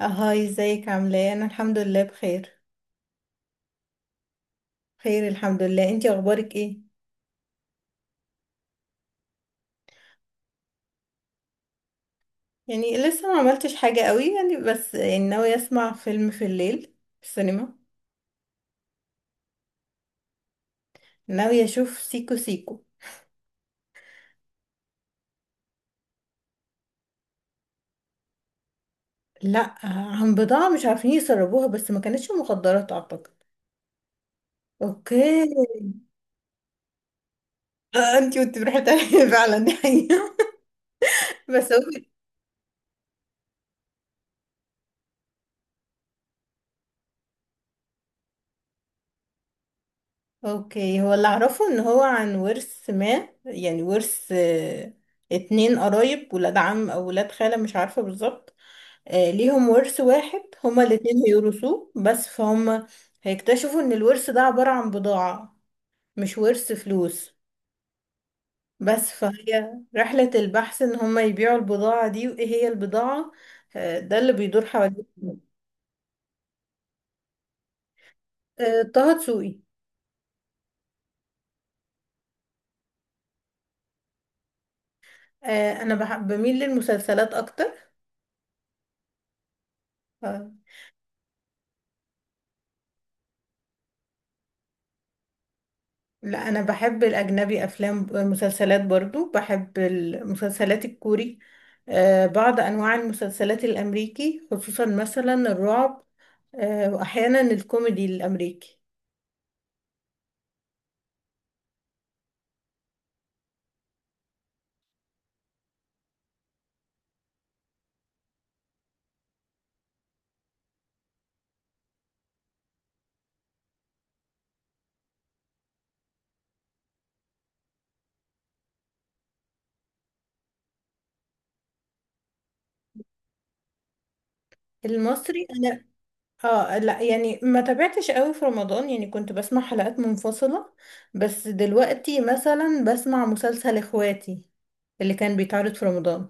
هاي، ازيك؟ عامله ايه؟ انا الحمد لله بخير. خير، الحمد لله. انتي اخبارك ايه؟ يعني لسه ما عملتش حاجه قوي، يعني بس يعني ناويه اسمع فيلم في الليل في السينما. ناويه اشوف سيكو سيكو. لا، عن بضاعه مش عارفين يسربوها، بس ما كانتش مخدرات اعتقد. اوكي. آه، انتي كنت بتحكي فعلا دي حقيقه. بس هو اوكي. هو اللي اعرفه ان هو عن ورث، ما يعني ورث. اتنين قرايب، ولاد عم او ولاد خاله، مش عارفه بالظبط. ليهم ورث واحد، هما الاتنين هيورثوه، بس فهم هيكتشفوا ان الورث ده عبارة عن بضاعة، مش ورث فلوس. بس فهي رحلة البحث ان هما يبيعوا البضاعة دي، وايه هي البضاعة. ده اللي بيدور حوالين. آه، طه دسوقي. آه، انا بحب بميل للمسلسلات اكتر. آه، لا، انا بحب الاجنبي افلام مسلسلات، برضو بحب المسلسلات الكوري. بعض انواع المسلسلات الامريكي، خصوصا مثلا الرعب. واحيانا الكوميدي الامريكي. المصري انا. اه، لا يعني ما تابعتش قوي في رمضان، يعني كنت بسمع حلقات منفصلة. بس دلوقتي مثلا بسمع مسلسل اخواتي، اللي كان بيتعرض في رمضان.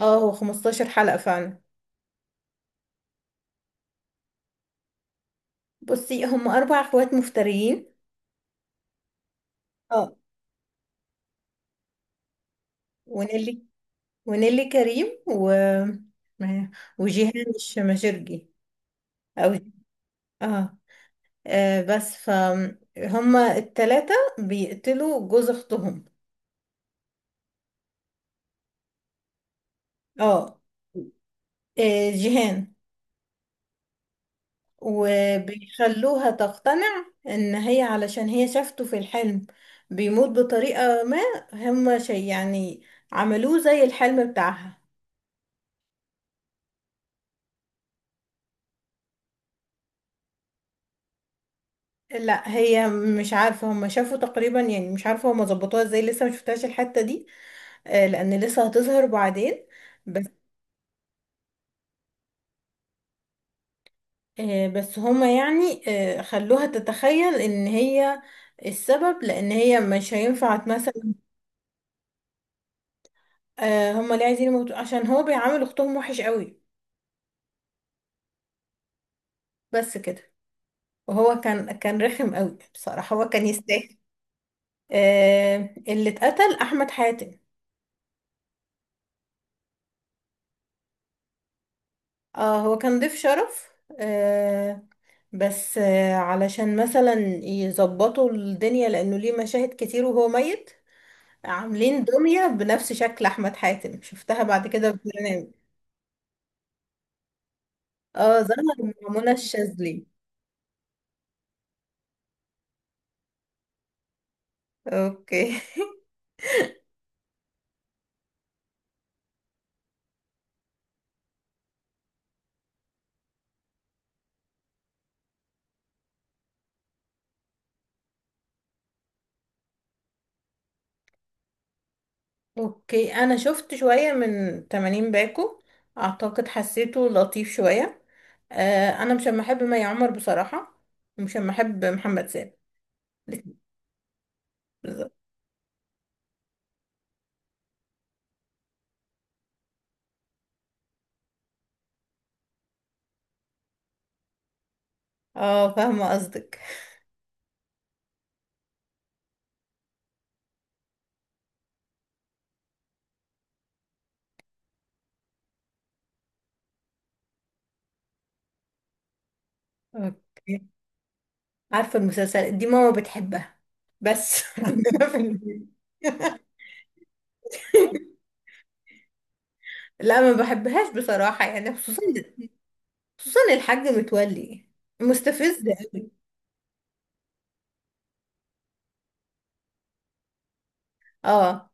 اه، هو 15 حلقة فعلا. بصي، هم اربع اخوات مفتريين. اه، ونيلي. ونيلي كريم و وجيهان الشماشرجي. او اه بس فهم التلاتة بيقتلوا جوز اختهم. اه. آه، جيهان. وبيخلوها تقتنع ان هي، علشان هي شافته في الحلم بيموت بطريقة ما، هم شيء يعني عملوه زي الحلم بتاعها. لا، هي مش عارفة، هم شافوا تقريبا يعني، مش عارفة هم ظبطوها ازاي، لسه مشفتهاش الحتة دي. لان لسه هتظهر بعدين، بس، بس هما يعني. خلوها تتخيل ان هي السبب، لان هي مش هينفع تمثل. آه، هما ليه عايزين يموتوا عشان هو بيعامل اختهم وحش قوي. بس كده. وهو كان رخم قوي بصراحة، هو كان يستاهل. آه، اللي اتقتل احمد حاتم. اه، هو كان ضيف شرف. آه بس علشان مثلا يظبطوا الدنيا، لانه ليه مشاهد كتير وهو ميت. عاملين دمية بنفس شكل احمد حاتم، شفتها بعد كده في برنامج. اه، ظهر. مع منى الشاذلي. اوكي. اوكي، انا شفت شوية من 80 باكو، اعتقد حسيته لطيف شوية. انا مش أما احب مي عمر بصراحة، ومش أما احب محمد سامي. اه، فاهمة قصدك. اوكي. عارفة المسلسل دي ماما بتحبها، بس عندنا في البيت. لا، ما بحبهاش بصراحة، يعني خصوصا خصوصا الحاج متولي مستفز قوي. اه،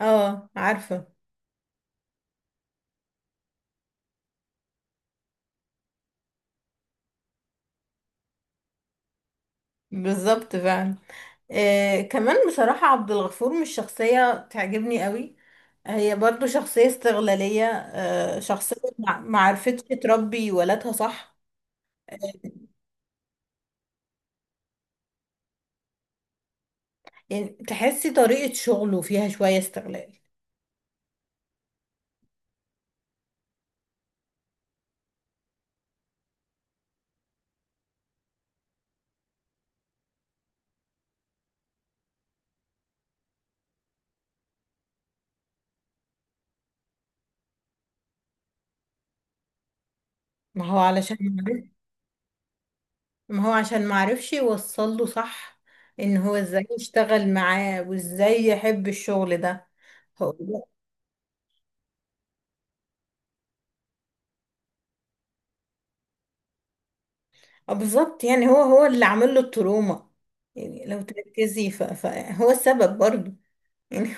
اه، عارفة. بالظبط، فعلا. آه، كمان بصراحة عبد الغفور مش شخصية تعجبني قوي. هي برضو شخصية استغلالية، شخصية، معرفتش تربي ولادها، صح. يعني تحسي طريقة شغله فيها شوية استغلال. ما هو علشان معرف- ما هو عشان معرفش يوصله، صح. ان هو ازاي يشتغل معاه وازاي يحب الشغل ده. هو، بالظبط، يعني هو اللي عامل له التروما. يعني لو تركزي، فهو السبب برضو يعني.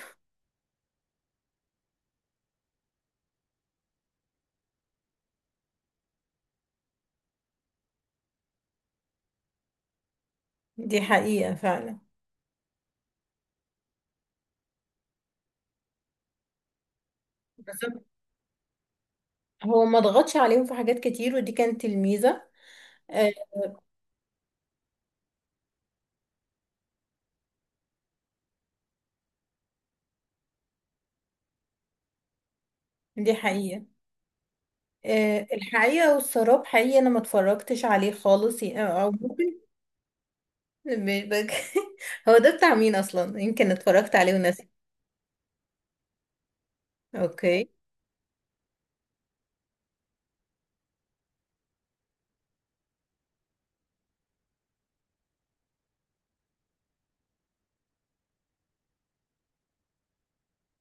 دي حقيقة فعلا. بالظبط. هو ما ضغطش عليهم في حاجات كتير، ودي كانت الميزة. آه، دي حقيقة. الحقيقة والسراب حقيقي، أنا ما اتفرجتش عليه خالص، أو ممكن. مش بك... هو ده بتاع مين أصلا؟ يمكن اتفرجت عليه وناسي. أوكي.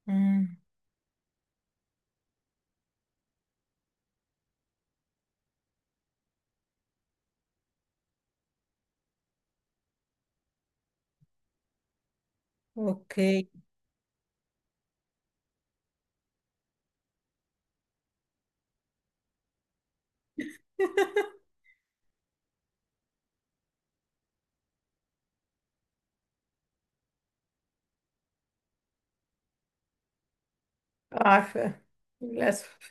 مم. أوكي. عارفة. للأسف.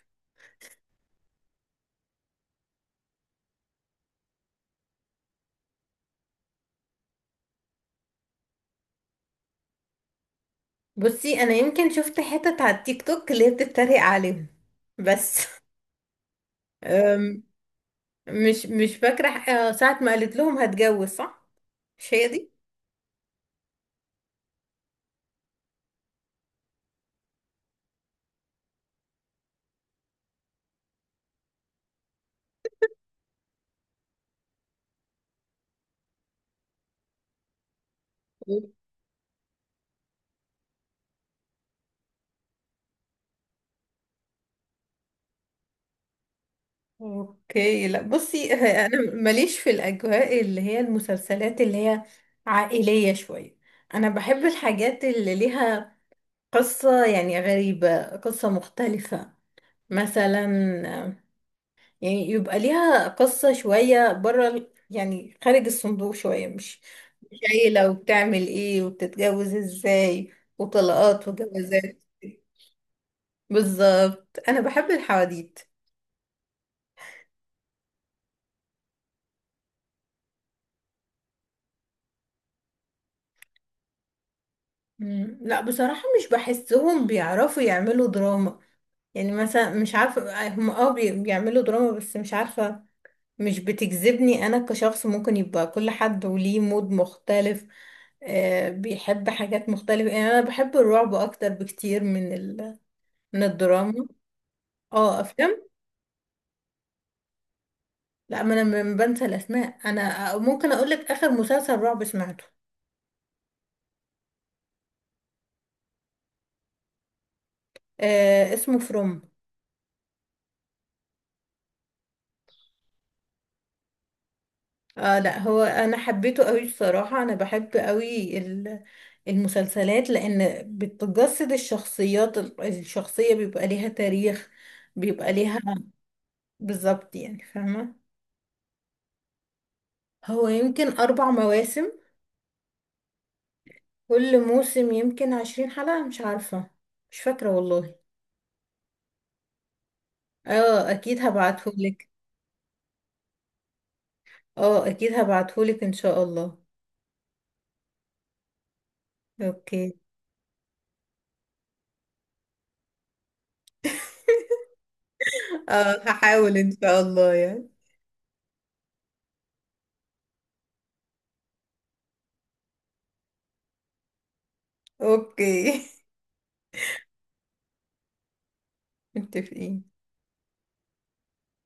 بصي، أنا يمكن شفت حتت على التيك توك اللي هي بتتريق عليهم بس أم، مش فاكرة ساعة ما قالت لهم هتجوز، صح؟ مش هي دي؟ اوكي، لا، بصي انا ماليش في الاجواء اللي هي المسلسلات اللي هي عائلية شوية. انا بحب الحاجات اللي ليها قصة، يعني غريبة، قصة مختلفة، مثلا. يعني يبقى ليها قصة شوية بره يعني خارج الصندوق شوية، مش عيلة وبتعمل ايه وبتتجوز ازاي وطلقات وجوازات. بالظبط، انا بحب الحواديت. مم. لا، بصراحة مش بحسهم بيعرفوا يعملوا دراما. يعني مثلا مش عارفة هم، بيعملوا دراما بس مش عارفة. مش بتجذبني أنا كشخص، ممكن يبقى كل حد وليه مود مختلف. بيحب حاجات مختلفة، يعني أنا بحب الرعب أكتر بكتير من الدراما. اه، أفلام. لا، ما أنا بنسى الأسماء، أنا ممكن أقولك آخر مسلسل رعب سمعته. آه، اسمه فروم. اه، لا، هو انا حبيته قوي بصراحة، انا بحب قوي المسلسلات، لان بتجسد الشخصيات، الشخصية بيبقى ليها تاريخ. بيبقى ليها بالظبط يعني، فاهمة. هو يمكن اربع مواسم، كل موسم يمكن 20 حلقة، مش عارفة، مش فاكرة والله. اه، اكيد هبعتهولك. اه، اكيد هبعتهولك ان شاء الله. اوكي. اه، هحاول ان شاء الله يعني. اوكي. متفقين.